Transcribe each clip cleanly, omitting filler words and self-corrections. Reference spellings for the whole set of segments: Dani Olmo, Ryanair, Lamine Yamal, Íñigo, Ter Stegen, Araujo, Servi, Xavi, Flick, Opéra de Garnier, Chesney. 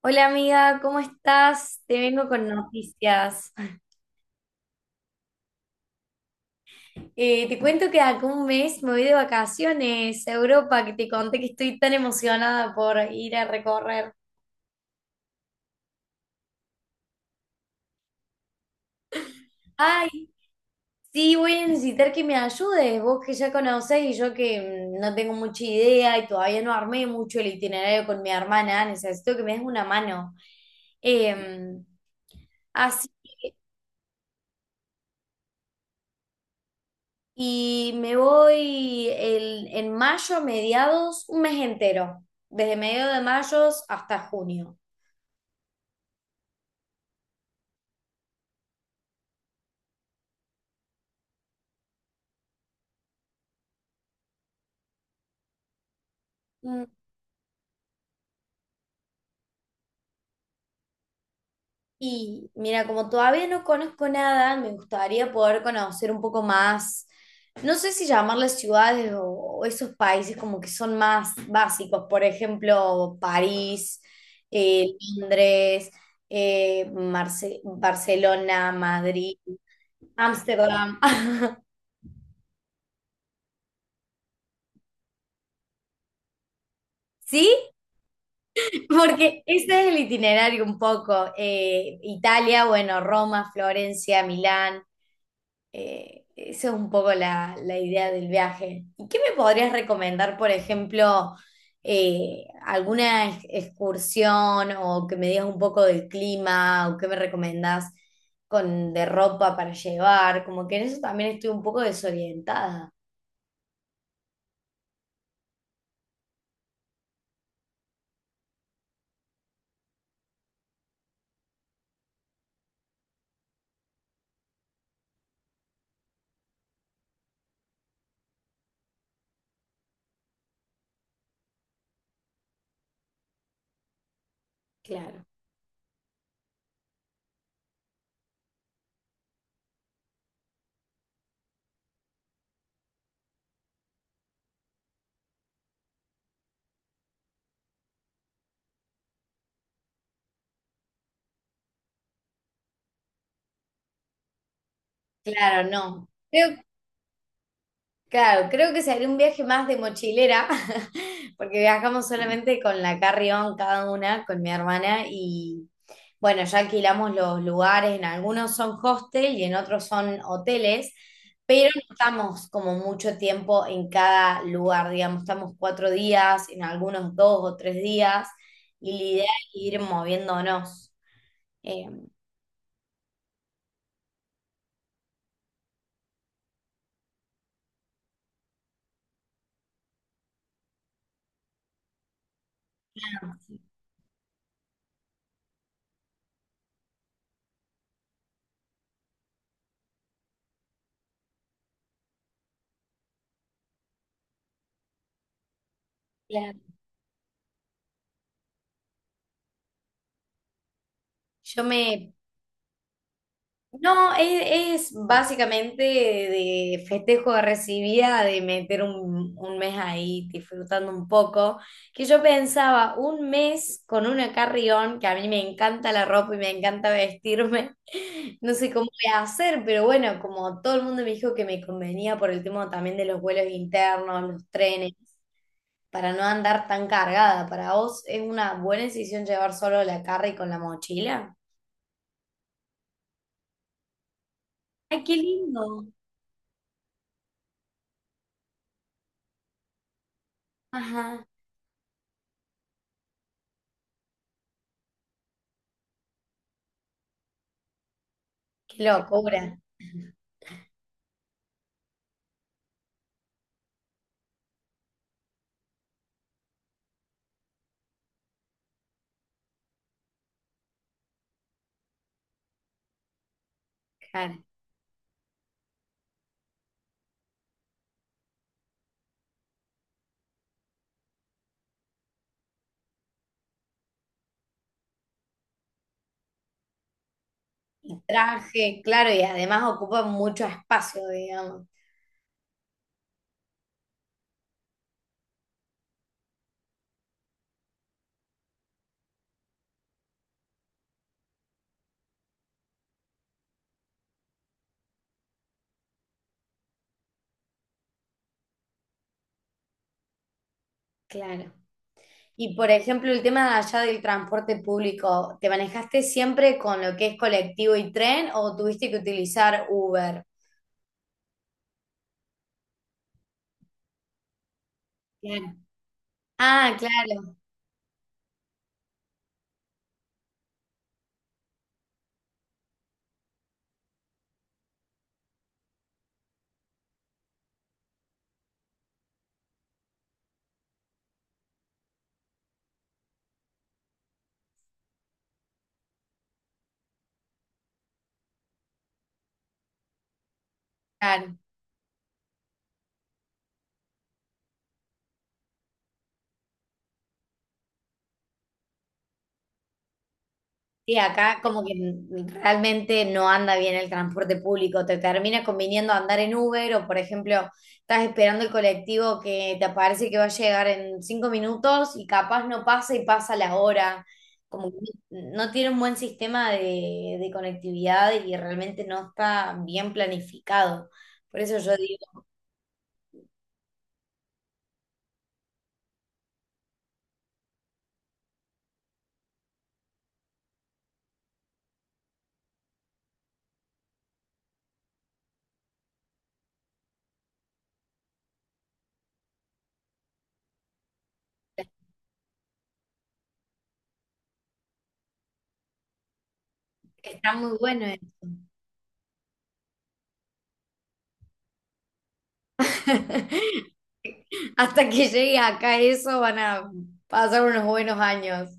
Hola amiga, ¿cómo estás? Te vengo con noticias. Te cuento que acá un mes me voy de vacaciones a Europa, que te conté que estoy tan emocionada por ir a recorrer. Ay, sí, voy a necesitar que me ayudes, vos que ya conocés y yo que no tengo mucha idea y todavía no armé mucho el itinerario con mi hermana, necesito que me des una mano. Em, Así Y me voy en mayo a mediados, un mes entero, desde mediados de mayo hasta junio. Mm, Y mira, como todavía no conozco nada, me gustaría poder conocer un poco más, no sé si llamarles ciudades o esos países como que son más básicos, por ejemplo, París, eh, Londres, Barcelona, Madrid, Ámsterdam. ¿Sí? Porque ese es el itinerario un poco. Italia, bueno, Roma, Florencia, Milán. Esa es un poco la idea del viaje. ¿Y qué me podrías recomendar, por ejemplo, alguna excursión o que me digas un poco del clima o qué me recomendás de ropa para llevar? Como que en eso también estoy un poco desorientada. Claro. Claro, no. Claro, creo que se haría un viaje más de mochilera, porque viajamos solamente con la carry-on cada una, con mi hermana, y bueno, ya alquilamos los lugares, en algunos son hostel y en otros son hoteles, pero no estamos como mucho tiempo en cada lugar, digamos, estamos 4 días, en algunos 2 o 3 días, y la idea es ir moviéndonos. Eh, Claro. yo me No, es básicamente de festejo de recibida, de meter un mes ahí disfrutando un poco, que yo pensaba un mes con una carrión, que a mí me encanta la ropa y me encanta vestirme, no sé cómo voy a hacer, pero bueno, como todo el mundo me dijo que me convenía por el tema también de los vuelos internos, los trenes, para no andar tan cargada, para vos es una buena decisión llevar solo la carry con la mochila. Ay, qué lindo. Ajá. Qué locura. Claro. Traje, claro, y además ocupa mucho espacio, digamos. Claro. Y por ejemplo, el tema de allá del transporte público, ¿te manejaste siempre con lo que es colectivo y tren o tuviste que utilizar Uber? Claro. Ah, claro, claro. Sí, acá como que realmente no anda bien el transporte público, te termina conviniendo andar en Uber o por ejemplo estás esperando el colectivo que te parece que va a llegar en 5 minutos y capaz no pasa y pasa la hora, como que no tiene un buen sistema de conectividad y realmente no está bien planificado. Por eso yo digo, está muy bueno esto. Hasta que llegue acá eso van a pasar unos buenos años.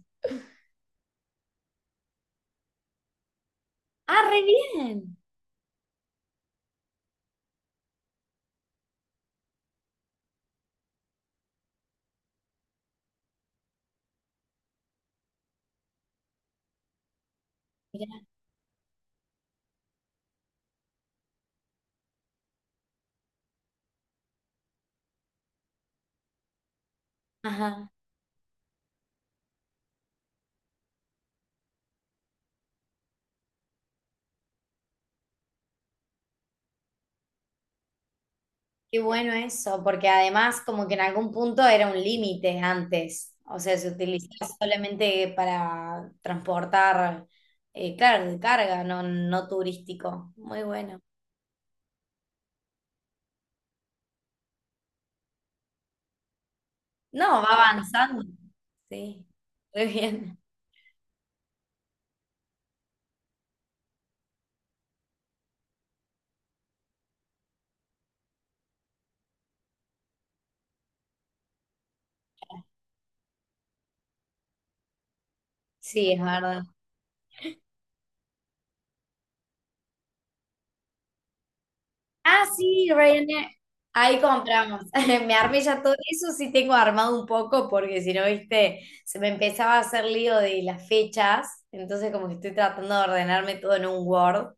Ah, re bien. Mirá, ajá, qué bueno eso, porque además como que en algún punto era un límite antes, o sea, se utilizaba solamente para transportar, claro, de carga, no, no turístico. Muy bueno. No, va avanzando. Sí, muy bien. Sí, es verdad. Ah, sí, Ryanair. Ahí compramos. Me armé ya todo. Eso sí tengo armado un poco porque si no, viste, se me empezaba a hacer lío de las fechas. Entonces como que estoy tratando de ordenarme todo en un Word.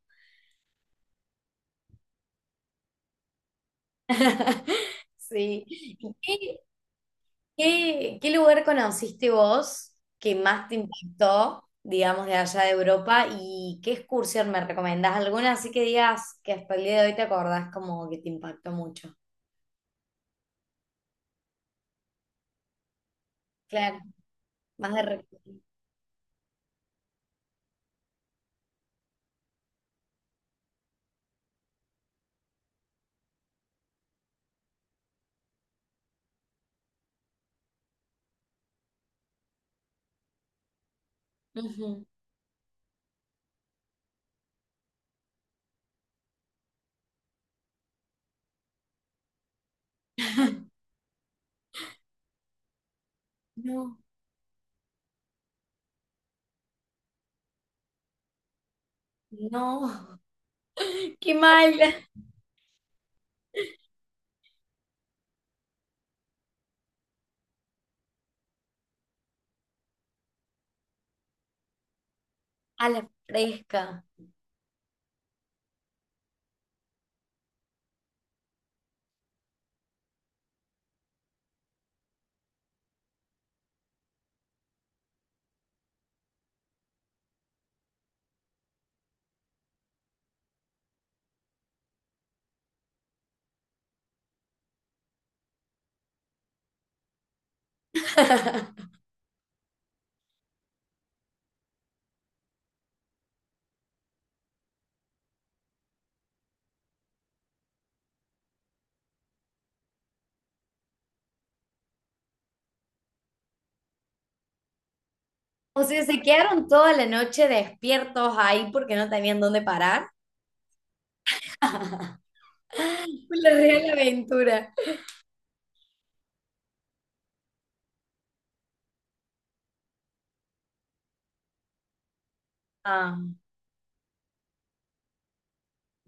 Sí. ¿Y qué lugar conociste vos que más te impactó, digamos, de allá de Europa? ¿Y qué excursión me recomendás? ¿Alguna así que digas que hasta el día de hoy te acordás como que te impactó mucho? Claro, más de recuerdo. No, no, qué mal. A la fresca. O sea, se quedaron toda la noche despiertos ahí porque no tenían dónde parar. Fue la real aventura. Ah,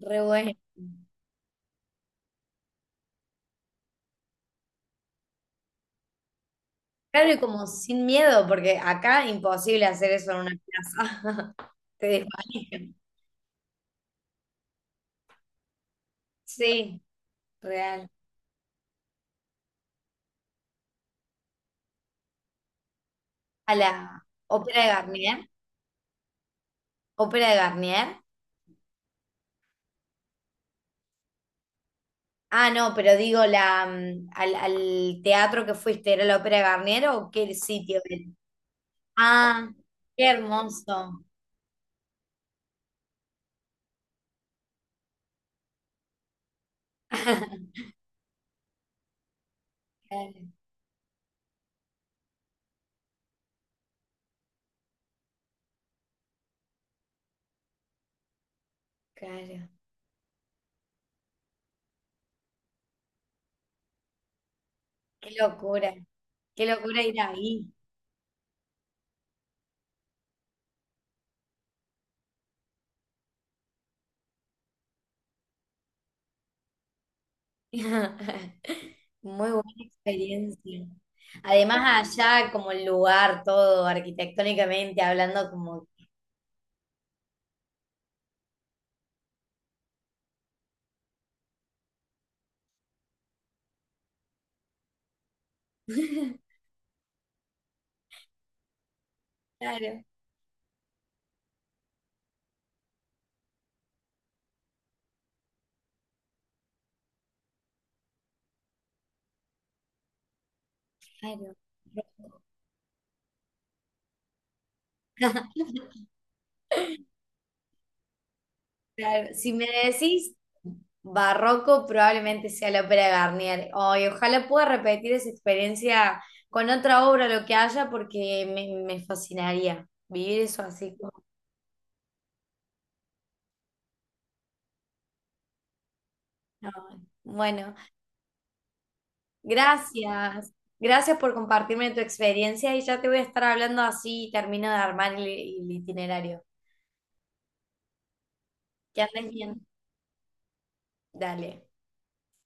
re bueno. Claro, y como sin miedo, porque acá imposible hacer eso en una plaza. Te desmayan. Sí, real. A la Ópera de Garnier. Ópera de Garnier. Ah, no, pero digo, al teatro que fuiste, ¿era la Ópera de Garnier o qué sitio era? Ah, qué hermoso. Claro, claro. Qué locura. Qué locura ir ahí. Muy buena experiencia. Además, allá como el lugar, todo arquitectónicamente hablando, como... Claro, claro. Claro, si me decís barroco, probablemente sea la Ópera de Garnier. Ay, ojalá pueda repetir esa experiencia con otra obra, lo que haya, porque me fascinaría vivir eso así como. No. Bueno, gracias. Gracias por compartirme tu experiencia y ya te voy a estar hablando así y termino de armar el itinerario. Que andes bien. Dale.